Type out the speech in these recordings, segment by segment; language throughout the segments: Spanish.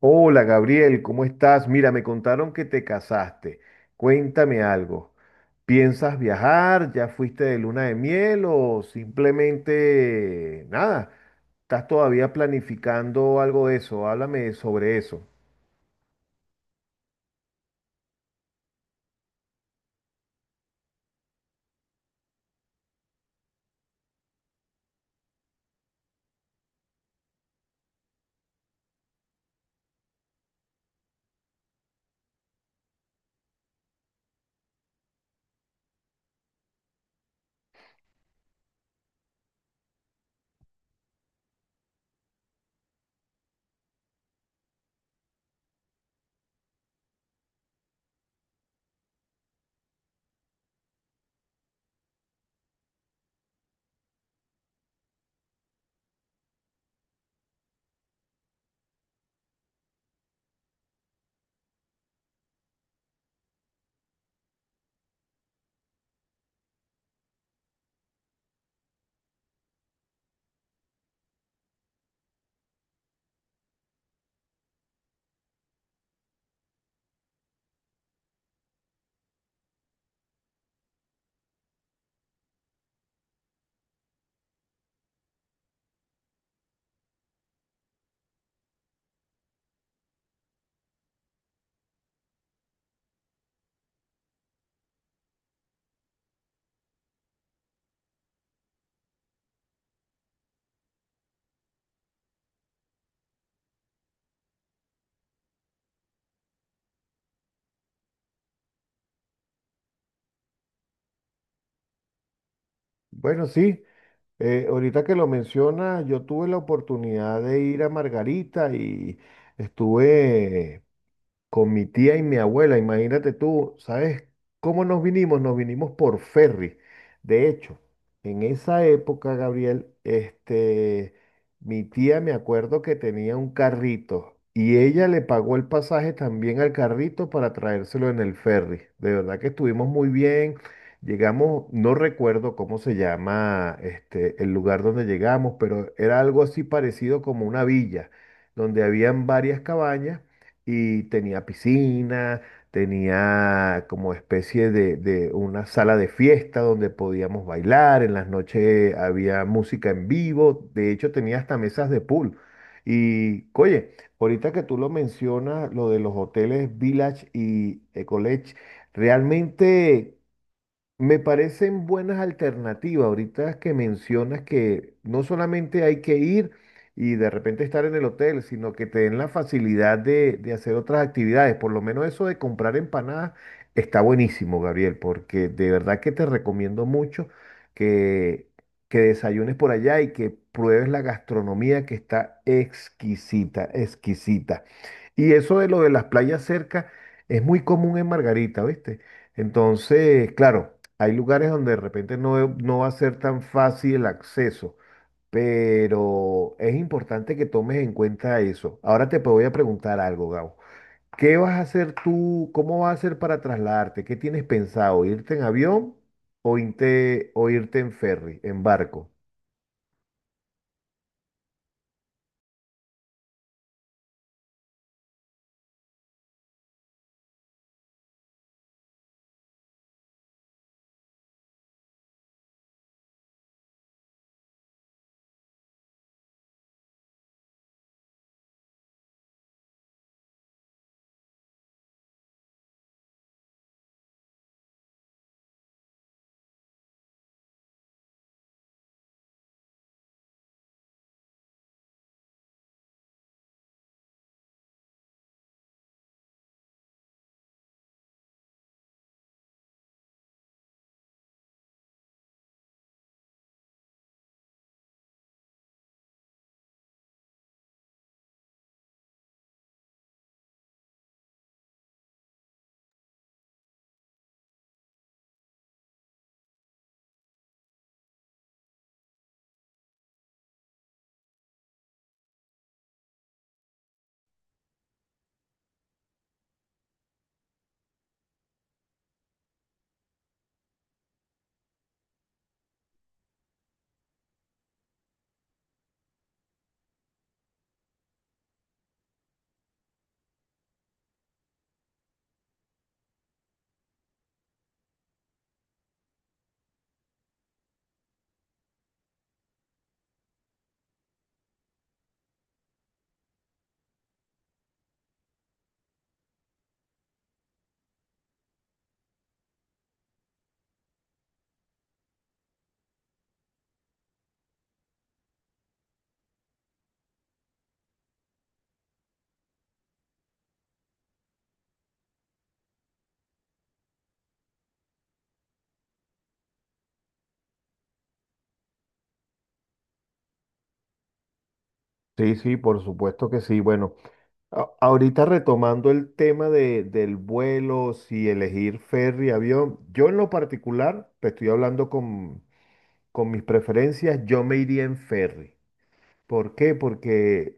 Hola Gabriel, ¿cómo estás? Mira, me contaron que te casaste. Cuéntame algo. ¿Piensas viajar? ¿Ya fuiste de luna de miel o simplemente nada? ¿Estás todavía planificando algo de eso? Háblame sobre eso. Bueno, sí. Ahorita que lo mencionas, yo tuve la oportunidad de ir a Margarita y estuve con mi tía y mi abuela, imagínate tú, ¿sabes cómo nos vinimos? Nos vinimos por ferry. De hecho, en esa época, Gabriel, este, mi tía me acuerdo que tenía un carrito y ella le pagó el pasaje también al carrito para traérselo en el ferry. De verdad que estuvimos muy bien. Llegamos, no recuerdo cómo se llama este, el lugar donde llegamos, pero era algo así parecido como una villa, donde habían varias cabañas y tenía piscina, tenía como especie de una sala de fiesta donde podíamos bailar, en las noches había música en vivo, de hecho tenía hasta mesas de pool. Y, oye, ahorita que tú lo mencionas, lo de los hoteles Village y Ecolage, realmente... me parecen buenas alternativas ahorita que mencionas que no solamente hay que ir y de repente estar en el hotel, sino que te den la facilidad de hacer otras actividades. Por lo menos eso de comprar empanadas está buenísimo, Gabriel, porque de verdad que te recomiendo mucho que, que desayunes por allá y que pruebes la gastronomía que está exquisita, exquisita. Y eso de lo de las playas cerca es muy común en Margarita, ¿viste? Entonces, claro. Hay lugares donde de repente no, no va a ser tan fácil el acceso, pero es importante que tomes en cuenta eso. Ahora te voy a preguntar algo, Gabo. ¿Qué vas a hacer tú? ¿Cómo vas a hacer para trasladarte? ¿Qué tienes pensado? ¿Irte en avión o irte en ferry, en barco? Sí, sí, por supuesto que sí. Bueno, ahorita retomando el tema de, del vuelo, si elegir ferry, avión, yo en lo particular, te estoy hablando con mis preferencias, yo me iría en ferry. ¿Por qué? Porque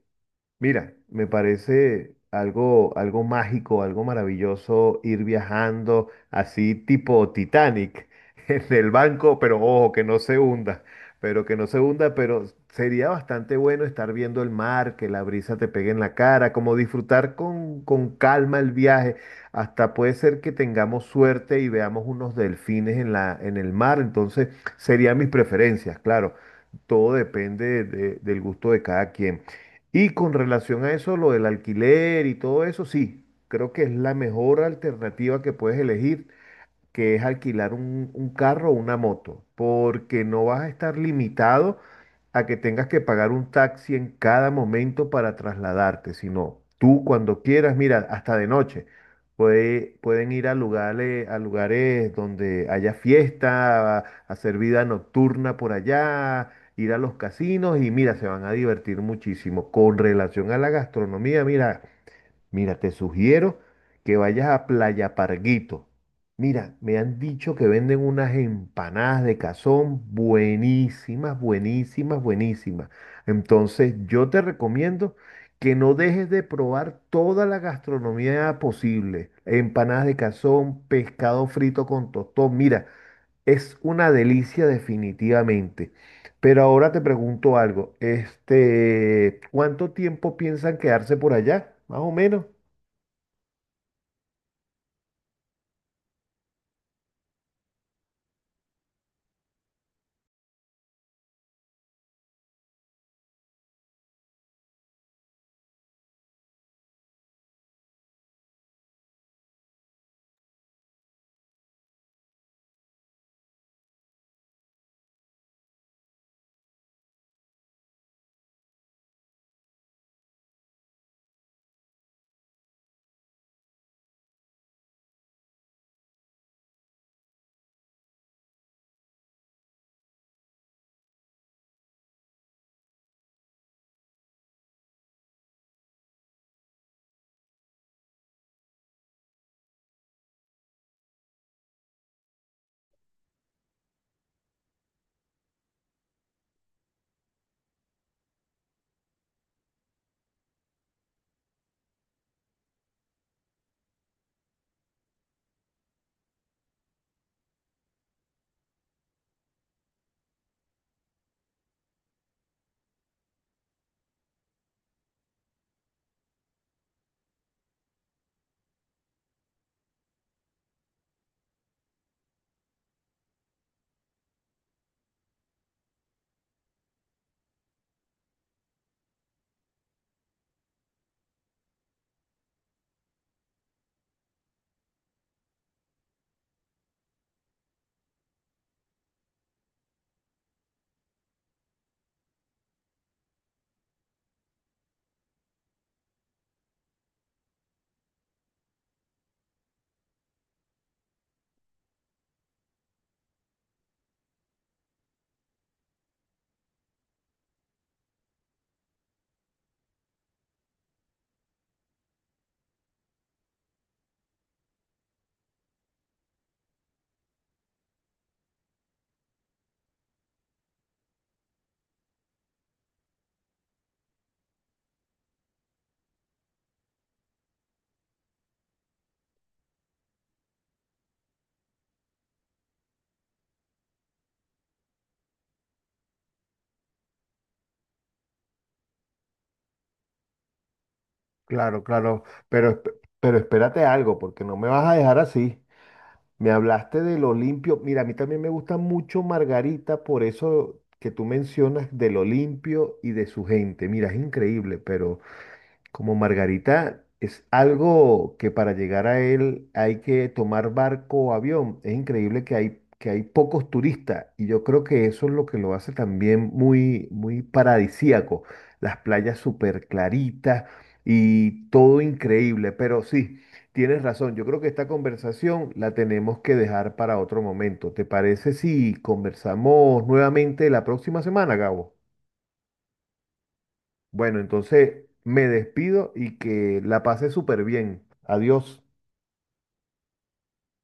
mira, me parece algo, algo mágico, algo maravilloso ir viajando así tipo Titanic en el banco, pero ojo, que no se hunda, pero que no se hunda, pero sería bastante bueno estar viendo el mar, que la brisa te pegue en la cara, como disfrutar con calma el viaje. Hasta puede ser que tengamos suerte y veamos unos delfines en la, en el mar, entonces serían mis preferencias, claro. Todo depende del gusto de cada quien. Y con relación a eso, lo del alquiler y todo eso, sí, creo que es la mejor alternativa que puedes elegir que es alquilar un carro o una moto, porque no vas a estar limitado a que tengas que pagar un taxi en cada momento para trasladarte, sino tú cuando quieras, mira, hasta de noche, pueden ir a lugares donde haya fiesta, a hacer vida nocturna por allá, ir a los casinos y mira, se van a divertir muchísimo. Con relación a la gastronomía, mira. Mira, te sugiero que vayas a Playa Parguito. Mira, me han dicho que venden unas empanadas de cazón buenísimas, buenísimas, buenísimas. Entonces, yo te recomiendo que no dejes de probar toda la gastronomía posible. Empanadas de cazón, pescado frito con tostón. Mira, es una delicia definitivamente. Pero ahora te pregunto algo, este, ¿cuánto tiempo piensan quedarse por allá? Más o menos. Claro, claro, pero, esp- pero espérate algo, porque no me vas a dejar así. Me hablaste de lo limpio. Mira, a mí también me gusta mucho Margarita, por eso que tú mencionas de lo limpio y de su gente. Mira, es increíble, pero como Margarita es algo que para llegar a él hay que tomar barco o avión. Es increíble que hay pocos turistas y yo creo que eso es lo que lo hace también muy, muy paradisíaco. Las playas súper claritas y todo increíble. Pero sí, tienes razón. Yo creo que esta conversación la tenemos que dejar para otro momento. ¿Te parece si conversamos nuevamente la próxima semana, Gabo? Bueno, entonces me despido y que la pasé súper bien. Adiós.